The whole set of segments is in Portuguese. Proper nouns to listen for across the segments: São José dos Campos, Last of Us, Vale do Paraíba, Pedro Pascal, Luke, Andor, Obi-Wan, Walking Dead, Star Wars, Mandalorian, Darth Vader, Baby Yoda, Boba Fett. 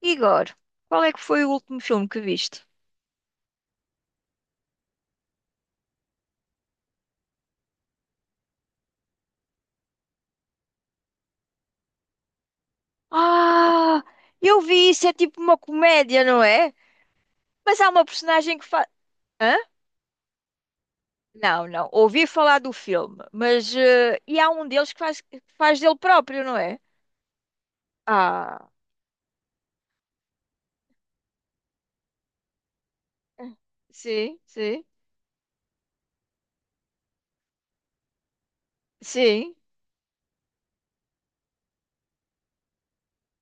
Igor, qual é que foi o último filme que viste? Ah, eu vi isso, é tipo uma comédia, não é? Mas há uma personagem que faz. Hã? Não, não. Ouvi falar do filme, mas, e há um deles que faz dele próprio, não é? Ah, sim, sim, sim.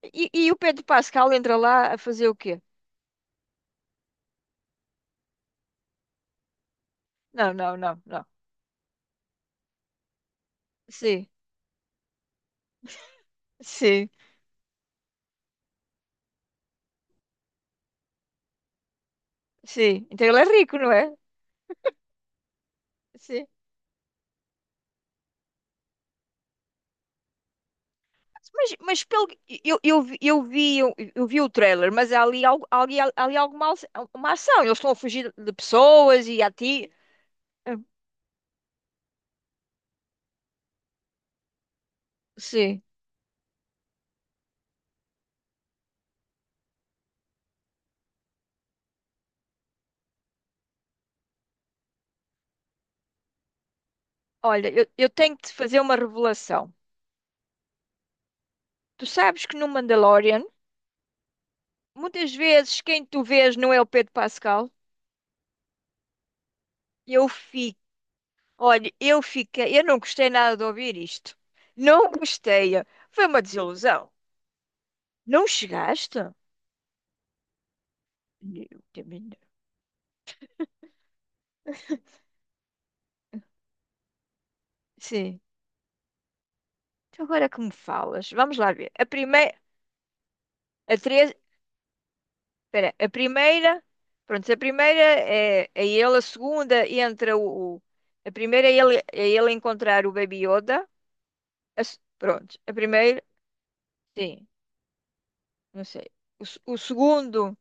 E o Pedro Pascal entra lá a fazer o quê? Não, não, não, não. Sim, sim, sim. Então ele é rico, não é? Sim. Mas pelo eu vi o trailer, mas há ali algo ali, ali uma ação. Eles estão a fugir de pessoas e a ti. Ah, sim. Olha, eu tenho que te fazer uma revelação. Tu sabes que no Mandalorian, muitas vezes quem tu vês não é o Pedro Pascal. Eu fico, olha, eu fiquei, eu não gostei nada de ouvir isto. Não gostei. Foi uma desilusão. Não chegaste? Eu também não. Sim. Então agora que me falas, vamos lá ver. A primeira, a três, espera, a primeira, pronto, a primeira é ele, a segunda entra a primeira é ele, encontrar o Baby Yoda. A se- pronto, a primeira, sim, não sei. O, se- o segundo,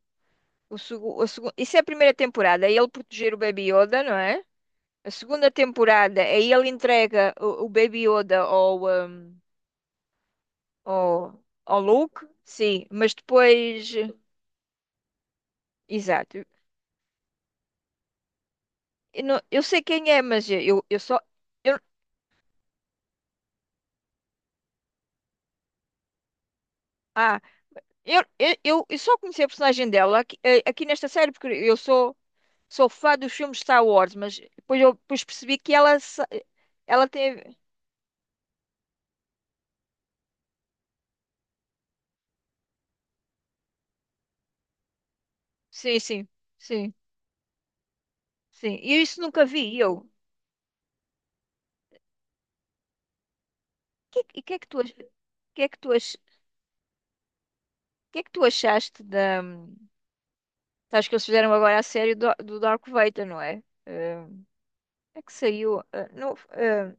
o, segu- a segu- isso é a primeira temporada, é ele proteger o Baby Yoda, não é? A segunda temporada é ele entrega o Baby Yoda ao, ao Luke, sim, mas depois, exato. Eu, não- eu sei quem é, mas eu só. Eu, ah, eu só conheci a personagem dela aqui, aqui nesta série, porque eu sou, fã dos filmes de Star Wars, mas depois eu depois percebi que ela, ela teve. Sim, sim, sim, sim. E isso nunca vi eu. E o que é que tu, que é que tu, ach- que é que tu achaste da. Sabes que eles fizeram agora a série do Darth Vader, não é? É que saiu. Não,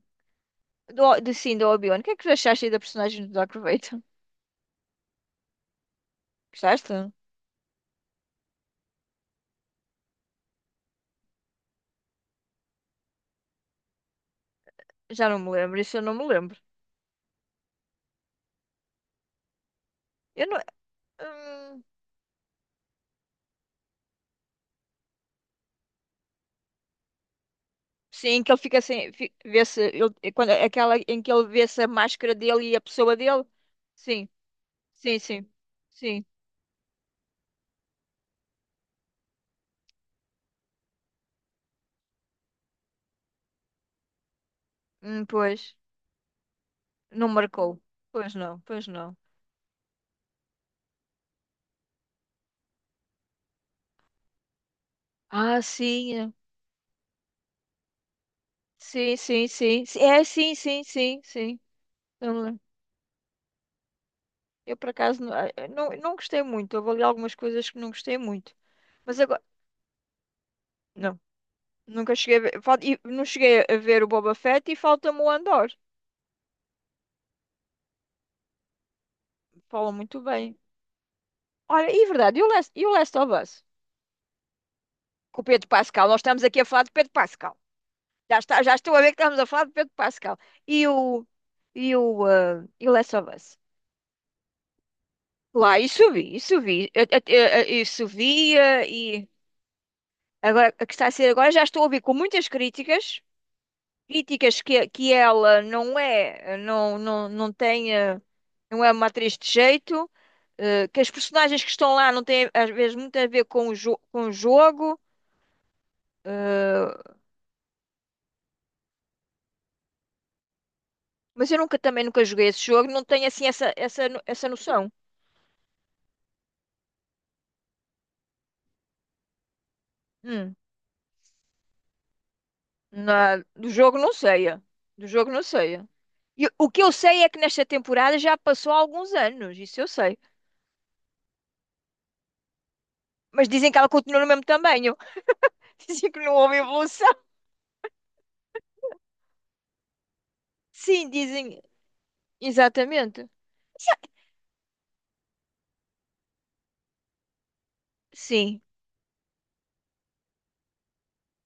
do, de, sim, do Obi-Wan. O que é que tu achaste aí da personagem do Darth Vader? Gostaste? Já não me lembro, isso eu não me lembro. Eu não. Hum, sim, que ele fica sem fi- vê-se, é quando, é aquela em que ele vê-se a máscara dele e a pessoa dele. Sim, sim, sim, sim. Pois, não marcou. Pois não, pois não. Ah, sim, é. Sim, sim, sim. Sim, é, sim, sim, sim, sim. Eu, me lembro. Eu, por acaso não, não, não gostei muito. Houve ali algumas coisas que não gostei muito. Mas agora, não, nunca cheguei a ver, e não cheguei a ver o Boba Fett e falta-me o Andor. Falam muito bem. Olha, e é verdade, e o Last of Us? Com o Pedro Pascal, nós estamos aqui a falar de Pedro Pascal. Já está, já estou a ver que estamos a falar de Pedro Pascal. E o, e o Last of Us? Lá, isso vi, isso vi. Isso via e agora, a que está a ser agora, já estou a ouvir com muitas críticas, críticas que ela não é, não, não, não tem, não é uma atriz de jeito, que as personagens que estão lá não têm, às vezes, muito a ver com com o jogo. Ah, mas eu nunca também nunca joguei esse jogo, não tenho assim essa, essa, no- essa noção. Hum, do jogo não sei. É. Do jogo não sei. É. E o que eu sei é que nesta temporada já passou há alguns anos, isso eu sei. Mas dizem que ela continua no mesmo tamanho. Dizem que não houve evolução. Sim, dizem. Exatamente. Sim.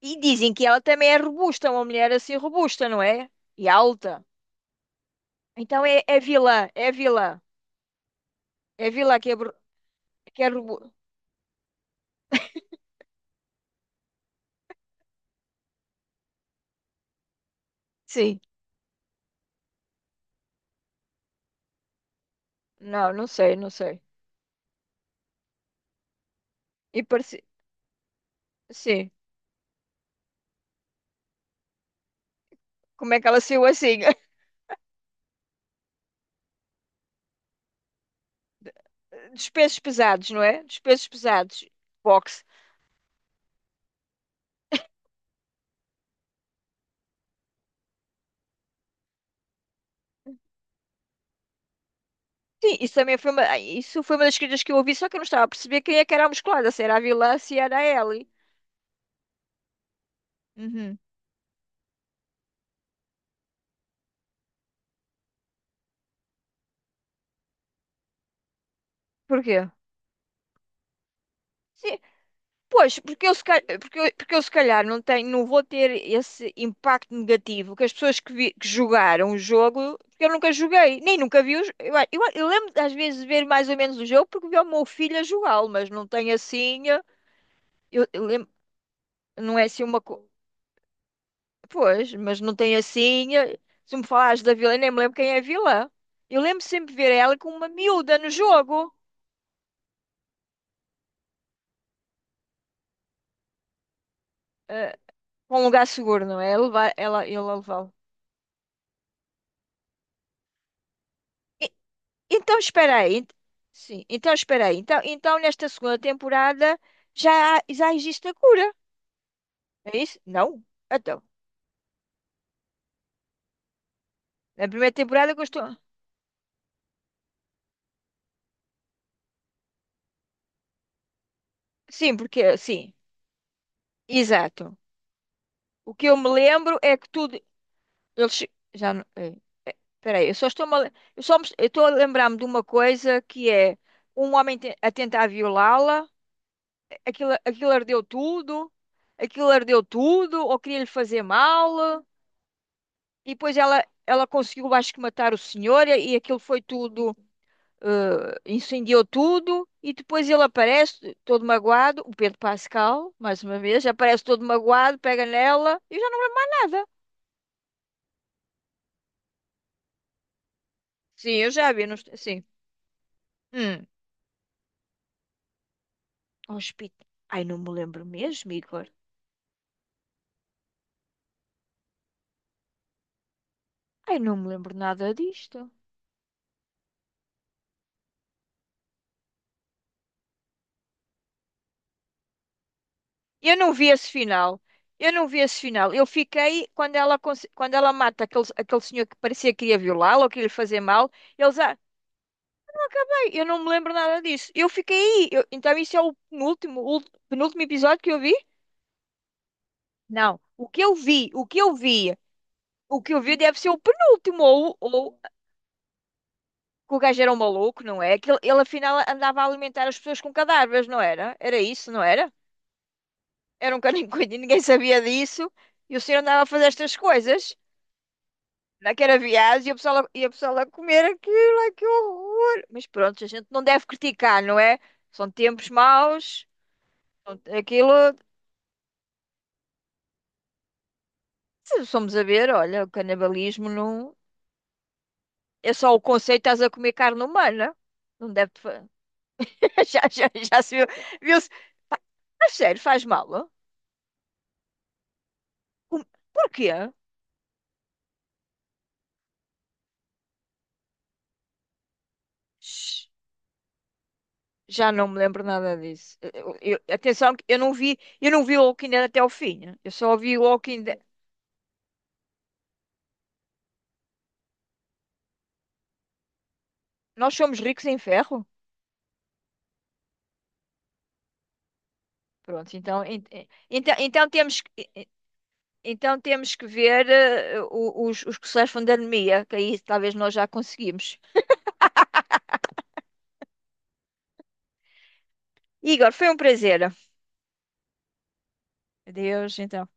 E dizem que ela também é robusta, uma mulher assim robusta, não é? E alta. Então é vilã, é vilã. É vilã que é robusta. Sim. Não, não sei, não sei. E parece. Sim. Como é que ela saiu assim? Dos pesos pesados, não é? Dos pesos pesados. Boxe. Sim, isso também foi uma, ai, isso foi uma das críticas que eu ouvi, só que eu não estava a perceber quem é que era a musculada, se era a vilã, se era a Ellie. Uhum. Porquê? Sim, pois, porque eu se calhar não tenho, não vou ter esse impacto negativo que as pessoas que jogaram o jogo, porque eu nunca joguei, nem nunca vi eu lembro às vezes de ver mais ou menos o jogo porque vi o meu filho a jogá-lo, mas não tenho assim, eu, eu lem- Não é assim uma. Pois, mas não tem assim. Se me falares da vilã, eu nem me lembro quem é a vilã. Eu lembro sempre de ver ela com uma miúda no jogo. eh, com um lugar seguro, não é? Levar, ela, ele a levá-lo. E- Então, espera aí. Sim, então, espera aí. Então, nesta segunda temporada já, já existe a cura. É isso? Não? Então, na primeira temporada gostou. Sim, porque. Sim, exato. O que eu me lembro é que tudo. Eles já não. É. Peraí, eu só estou eu estou a lembrar-me de uma coisa que é um homem a tentar violá-la, aquilo ardeu tudo, aquilo ardeu tudo, ou queria-lhe fazer mal, e depois ela conseguiu, acho que, matar o senhor, e aquilo foi tudo, incendiou tudo, e depois ele aparece todo magoado, o Pedro Pascal, mais uma vez, aparece todo magoado, pega nela, e eu já não lembro mais nada. Sim, eu já vi, não, sim. Hum, hospital. Ai, não me lembro mesmo, Igor. Ai, não me lembro nada disto. Eu não vi esse final. Eu não vi esse final. Eu fiquei quando ela mata aquele senhor que parecia que ia violá-la ou que ia lhe fazer mal. Eles, ai, eu não me lembro nada disso. Eu fiquei aí. Então isso é o penúltimo, penúltimo episódio que eu vi? Não. O que eu vi, o que eu vi, o que eu vi deve ser o penúltimo. Ou que o gajo era um maluco, não é? Que ele afinal andava a alimentar as pessoas com cadáveres, não era? Era isso, não era? Era um canicuito e ninguém sabia disso. E o senhor andava a fazer estas coisas. Naquela viagem e a pessoa, e a pessoa lá a comer aquilo, ai que horror. Mas pronto, a gente não deve criticar, não é? São tempos maus. Aquilo, se somos a ver, olha, o canibalismo não. É só o conceito, estás a comer carne humana. Não deve. Já se viu. Viu-se. Pá, a sério, faz mal? Ó? Com- Porquê? Já não me lembro nada disso. Atenção, que eu não vi o Walking Dead até ao fim. Né? Eu só vi o Walking Dead. Nós somos ricos em ferro. Pronto, então, então temos que, então temos que ver os que sofrem da anemia, que aí talvez nós já conseguimos. Igor, foi um prazer. Adeus, então.